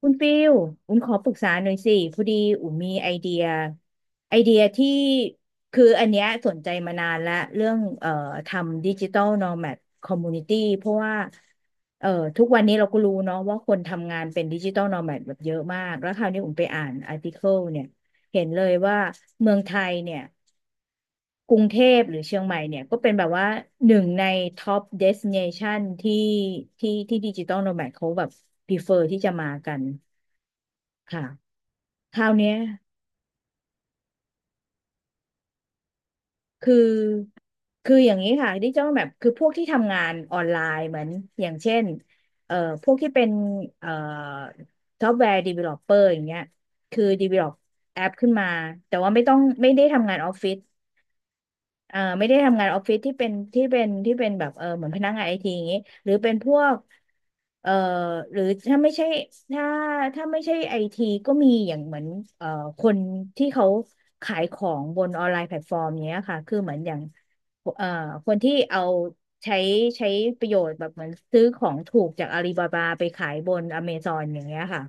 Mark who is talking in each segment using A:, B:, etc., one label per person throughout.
A: คุณฟิลอุณขอปรึกษาหน่อยสิพอดีอุ้มมีไอเดีย ไอเดียที่อันเนี้ยสนใจมานานละเรื่องทำดิจิตอลโนแมดคอมมูนิตี้เพราะว่าเอ่อทุกวันนี้เราก็รู้เนาะว่าคนทำงานเป็นดิจิตอลโนแมดแบบเยอะมาก แล้วคราวนี้อุ้มไปอ่านอาร์ติเคิลเนี่ยเห็นเลยว่าเมืองไทยเนี่ยกรุงเทพหรือเชียงใหม่เนี่ยก็เป็นแบบว่าหนึ่งในท็อปเดส i n a t ชันที่ที่ดิจิตอลโนแมดเขาแบบ prefer ที่จะมากัน ค่ะคราวเนี้ยคือคืออย่างนี้ค่ะดิจิทัลแมปคือพวกที่ทำงานออนไลน์เหมือนอย่างเช่นเอ่อพวกที่เป็นเอ่อซอฟต์แวร์ดีเวลลอปเปอร์อย่างเงี้ยคือดีเวลลอแอปขึ้นมาแต่ว่าไม่ได้ทำงานออฟฟิศ ไม่ได้ทำงานออฟฟิศที่เป็นแบบเออเหมือนพนักงานไอทีอย่างงี้หรือเป็นพวกเอ่อหรือถ้าไม่ใช่ถ้าถ้าไม่ใช่ไอทีก็มีอย่างเหมือนเอ่อคนที่เขาขายของบนออนไลน์แพลตฟอร์มเนี้ยค่ะคือเหมือนอย่างเอ่อคนที่เอาใช้ใช้ประโยชน์แบบเหมือนซื้อของถูกจากอาลีบาบาไปขายบนอเมซอนอย่างเงี้ยค่ะ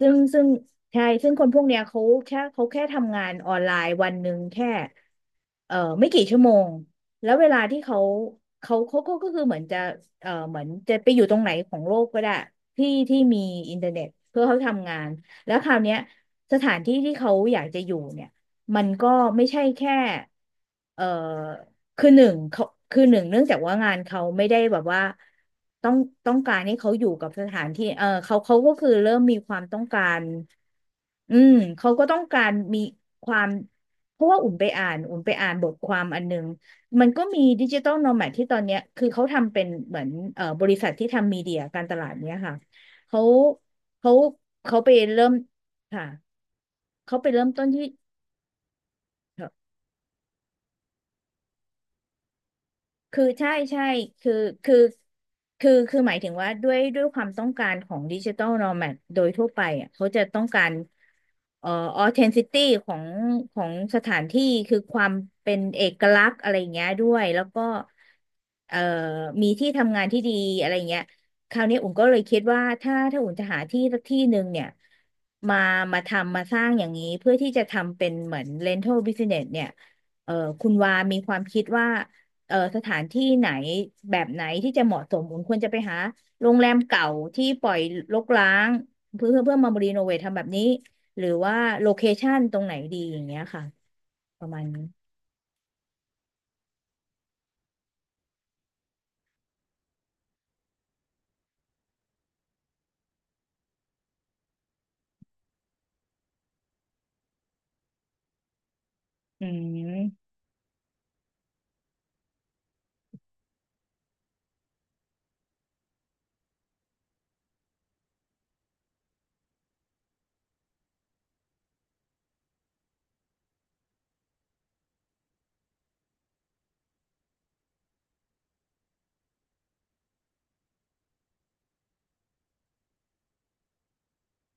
A: ซึ่งใช่ซึ่งคนพวกเนี้ยเขาแค่ทำงานออนไลน์วันหนึ่งแค่ไม่กี่ชั่วโมงแล้วเวลาที่เขาก็คือเหมือนจะเหมือนจะไปอยู่ตรงไหนของโลกก็ได้ที่มีอินเทอร์เน็ตเพื่อเขาทำงานแล้วคราวเนี้ยสถานที่ที่เขาอยากจะอยู่เนี่ยมันก็ไม่ใช่แค่เอ่อ คือหนึ่งเขาคือหนึ่งเนื่องจากว่างานเขาไม่ได้แบบว่าต้องต้องการให้เขาอยู่กับสถานที่เออเขาก็คือเริ่มมีความต้องการอืมเขาก็ต้องการมีความเพราะว่าอุ่นไปอ่านบทความอันหนึงมันก็มีดิจิตอลโนแมดที่ตอนเนี้ยคือเขาทำเป็นเหมือนบริษัทที่ทำมีเดียการตลาดเนี้ยค่ะเขาเขาเขาไปเริ่มค่ะเขาไปเริ่มต้นที่ คือใช่ใช่คือคือคือหมายถึงว่าด้วยความต้องการของดิจิตอลโนแมดโดยทั่วไปอ่ะเขาจะต้องการเอ่อออเทนซิตี้ของของสถานที่คือความเป็นเอกลักษณ์อะไรอย่างเงี้ยด้วยแล้วก็เอ่อมีที่ทำงานที่ดีอะไรอย่างเงี้ยคราวนี้อุ่นก็เลยคิดว่าถ้าอุ่นจะหาที่สักที่หนึ่งเนี่ยมามาทำมาสร้างอย่างนี้เพื่อที่จะทำเป็นเหมือน rental business เนี่ยเอ่อคุณวามีความคิดว่า สถานที่ไหนแบบไหนที่จะเหมาะสมบุญควรจะไปหาโรงแรมเก่าที่ปล่อยรกร้างเพื่อมารีโนเวททำแบบนี้หรือว่าโลเคชันตรงไหนดีอย่างเงี้ยค่ะประมาณนี้อืม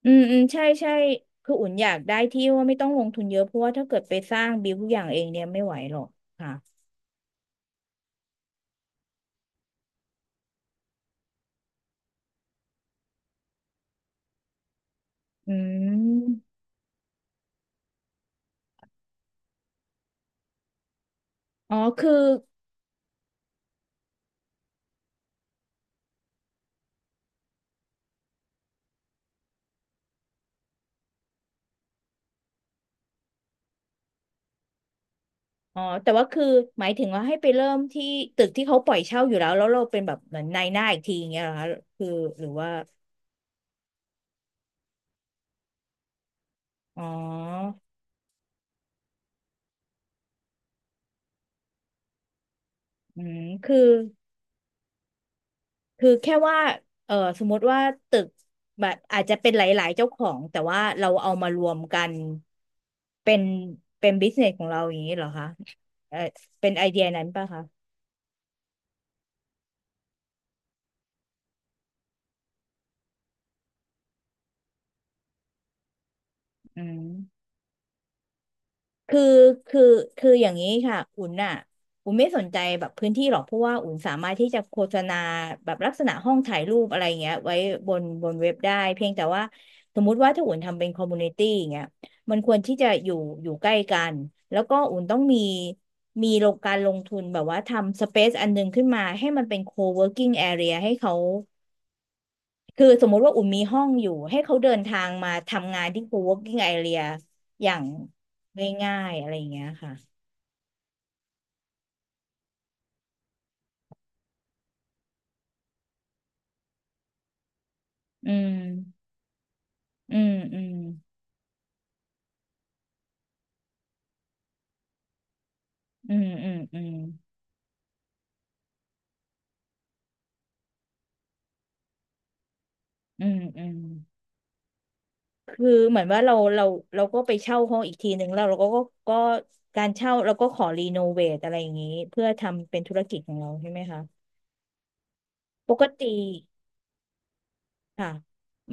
A: อืมอืมใช่ใช่คืออุ่นอยากได้ที่ว่าไม่ต้องลงทุนเยอะเพราะว่าถ้าเกิดไปสร้างบิวทุกอย่างเองเนี่ยไม่ไหวหรอกค่ะอืมอ๋อคืออ๋อแต่ว่าคือหมายถึงว่าให้ไปเริ่มที่ตึกที่เขาปล่อยเช่าอยู่แล้วแล้วเราเป็นแบบเหมือนนายหน้าอีกทีอย่างเงี้ยเหรอคะคือหรือว่า อ๋ออืมคือ คือแค่ว่าเออสมมติว่าตึกแบบอาจจะเป็นหลายๆเจ้าของ แต่ว่าเราเอามารวมกัน เป็น เป็นบิสเนสของเราอย่างนี้เหรอคะเออเป็นไอเดียนั้นป่ะคะอืม คือคือคืออย่างนี้ค่ะอุ่นน่ะอุ่นไม่สนใจแบบพื้นที่หรอกเพราะว่าอุ่นสามารถที่จะโฆษณาแบบลักษณะห้องถ่ายรูปอะไรเงี้ยไว้บนเว็บได้เพียงแต่ว่าสมมุติว่าถ้าอุ่นทำเป็นคอมมูนิตี้อย่างเงี้ยมันควรที่จะอยู่ใกล้กันแล้วก็อุ่นต้องมีมีโลงการลงทุนแบบว่าทำสเปซอันหนึงขึ้นมาให้มันเป็นโคเวิร์กิ้งแอเรียให้เขาคือสมมุติว่าอุ่นมีห้องอยู่ให้เขาเดินทางมาทำงานที่โคเวิร์กิ้งแอรีอย่างง่ายๆอะไรอย่างเงี้ยค่ะ อืมอืมอืมอืมอืมอืมอืมอืมคือเหมือนว่าเราเราก็ไปเช่าห้องอีกทีหนึ่งแล้วเราก็ก็การเช่าเราก็ขอรีโนเวทอะไรอย่างนี้เพื่อทำเป็นธุรกิจของเราใช่ไหมคะปกติ ค่ะ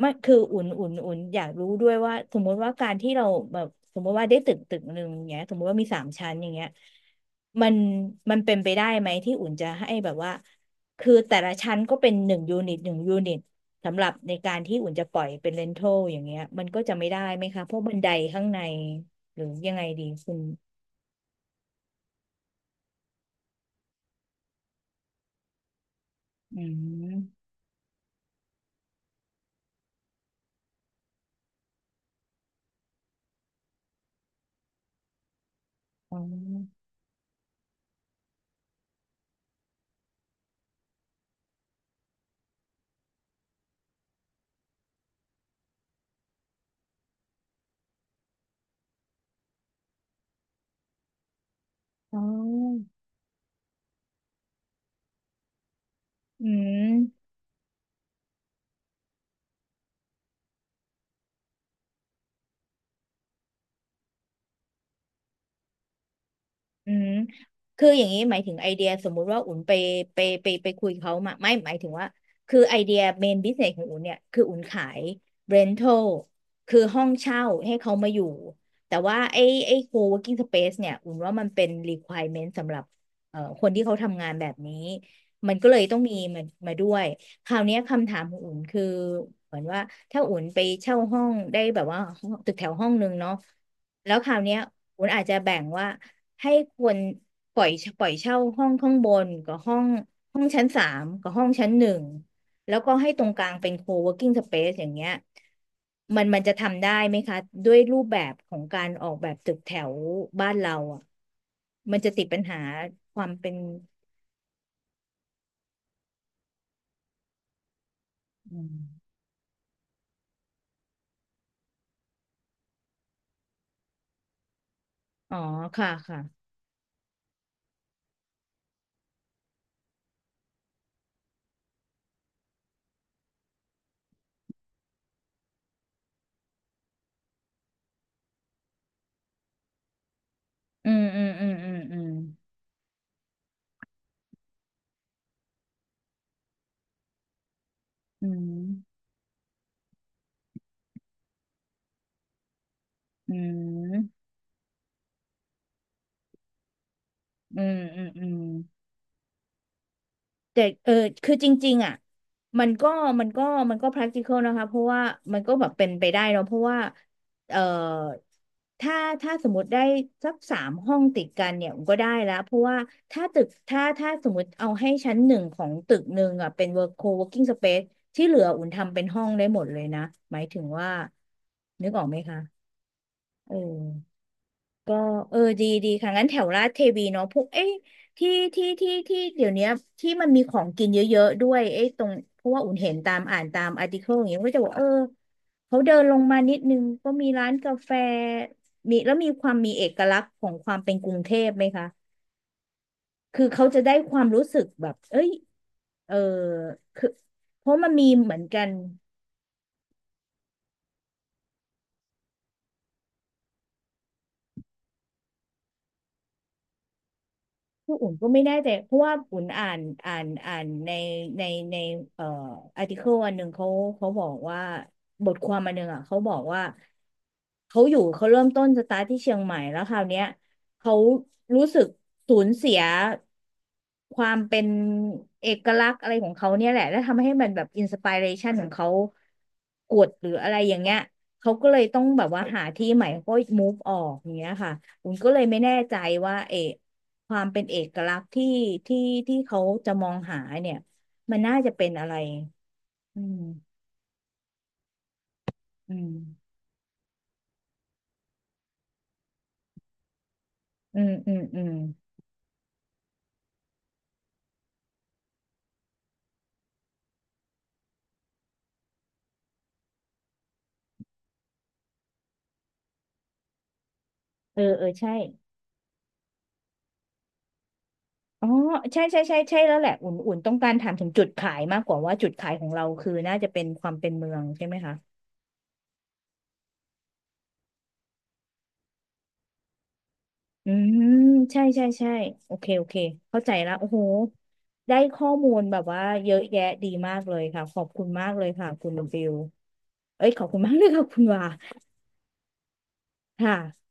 A: ไม่คืออุ่นอยากรู้ด้วยว่าสมมติว่าการที่เราแบบสมมติว่าได้ตึกหนึ่งอย่างเงี้ยสมมติว่ามีสามชั้นอย่างเงี้ยมันมันเป็นไปได้ไหมที่อุ่นจะให้แบบว่าคือแต่ละชั้นก็เป็นหนึ่งยูนิตหนึ่งยูนิตสำหรับในการที่อุ่นจะปล่อยเป็นเรนทัลอย่างเงี้ยมันก็จะไม่ได้ไหมคะ เพราะบันไดข้างในหรือยังไงดีคุณอืมอ๋ออ๋ออืม อืมคืออย่างนี้หมายถึงไอเดียสมมุติว่าอุ่นไปไปคุยเขามาไม่หมายถึงว่าคือไอเดียเมนบิสเนสของอุ่นเนี่ยคืออุ่นขายเรน t a ลคือห้องเช่าให้เขามาอยู่แต่ว่าไอโคเวิร์กิ้งสเปซเนี่ยอุ่นว่ามันเป็น requirement สำหรับคนที่เขาทำงานแบบนี้มันก็เลยต้องมีมันมาด้วย คราวเนี้ยคำถามของอุ่นคือเหมือนว่าถ้าอุ่นไปเช่าห้องได้แบบว่าห้องตึกแถวห้องนึงเนาะแล้วคราวเนี้ยอุ่นอาจจะแบ่งว่าให้คนปล่อยปล่อยเช่าห้องข้างบนกับห้องชั้นสามกับห้องชั้นหนึ่งแล้วก็ให้ตรงกลางเป็นโคเวิร์กิ้งสเปซอย่างเงี้ยมันจะทำได้ไหมคะด้วยรูปแบบของการออกแบบตึกแถวบ้านเราอ่ะมันจะติดปัญหาความเป็นอืมอ๋อค่ะค่ะ อืมอืมอืมอืมอืมอืมอืมอืมอืมอืมแต่เออคือจริงๆอ่ะมันก็มันก็มันก็ practical นะคะเพราะว่ามันก็แบบเป็นไปได้เนอะเพราะว่าเออถ้าสมมติได้สักสามห้องติดกันเนี่ยก็ได้แล้วเพราะว่าถ้าตึกถ้าถ้าสมมติเอาให้ชั้นหนึ่งของตึกหนึ่งอ่ะเป็น co-working space ที่เหลืออุ่นทำเป็นห้องได้หมดเลยนะหมายถึงว่านึกออกไหมคะเออ ก็เออดีค่ะงั้นแถวลาดเทวีเนาะพวกเอ้ยที่ที่ที่เดี๋ยวเนี้ยที่มันมีของกินเยอะๆด้วยเอ้ยตรงเพราะว่าอุ่นเห็นตามอ่านตามอาร์ติเคิลอย่างเงี้ยก็จะบอกเออเขาเดินลงมานิดนึงก็มีร้านกาแฟมีแล้วมีความมีเอกลักษณ์ของความเป็นกรุงเทพไหมคะคือเขาจะได้ความรู้สึกแบบเอ้ยเออคือเพราะมันมีเหมือนกัน คืออุ่นก็ไม่แน่ใจเพราะว่าอุ่นอ่านในในในเอ่ออาร์ติเคิลอันหนึ่งเขาบอกว่าบทความอันหนึ่งอ่ะเขาบอกว่าเขาเริ่มต้นสตาร์ทที่เชียงใหม่แล้วคราวเนี้ยเขารู้สึกสูญเสียความเป็นเอกลักษณ์อะไรของเขาเนี่ยแหละแล้วทำให้มันแบบอินสปิเรชันของเขากดหรืออะไรอย่างเงี้ยเขาก็เลยต้องแบบว่าหาที่ใหม่เขาก็ move ออกอย่างเงี้ยค่ะผมก็เลยไม่แน่ใจว่าเออ ความเป็นเอกลักษณ์ที่ที่เขาจะมองหาเนี่ยมันน่าจะเป็นอะไรอืมอืมอืมอืมอืมเออเออใช่อ๋อใช่ใช่ใช่ใช่แล้วแหละอุ่นต้องการถามถึงจุดขายมากกว่าว่าจุดขายของเราคือน่าจะเป็นความเป็นเมืองใช่ไหมคะอืมใช่ใช่ใช่โอเคโอเคเข้าใจแล้วโอ้โหได้ข้อมูลแบบว่าเยอะแยะดีมากเลยค่ะขอบคุณมากเลยค่ะคุณฟิลเอ้ยขอบคุณมากเลยค่ะคุณวาค่ะ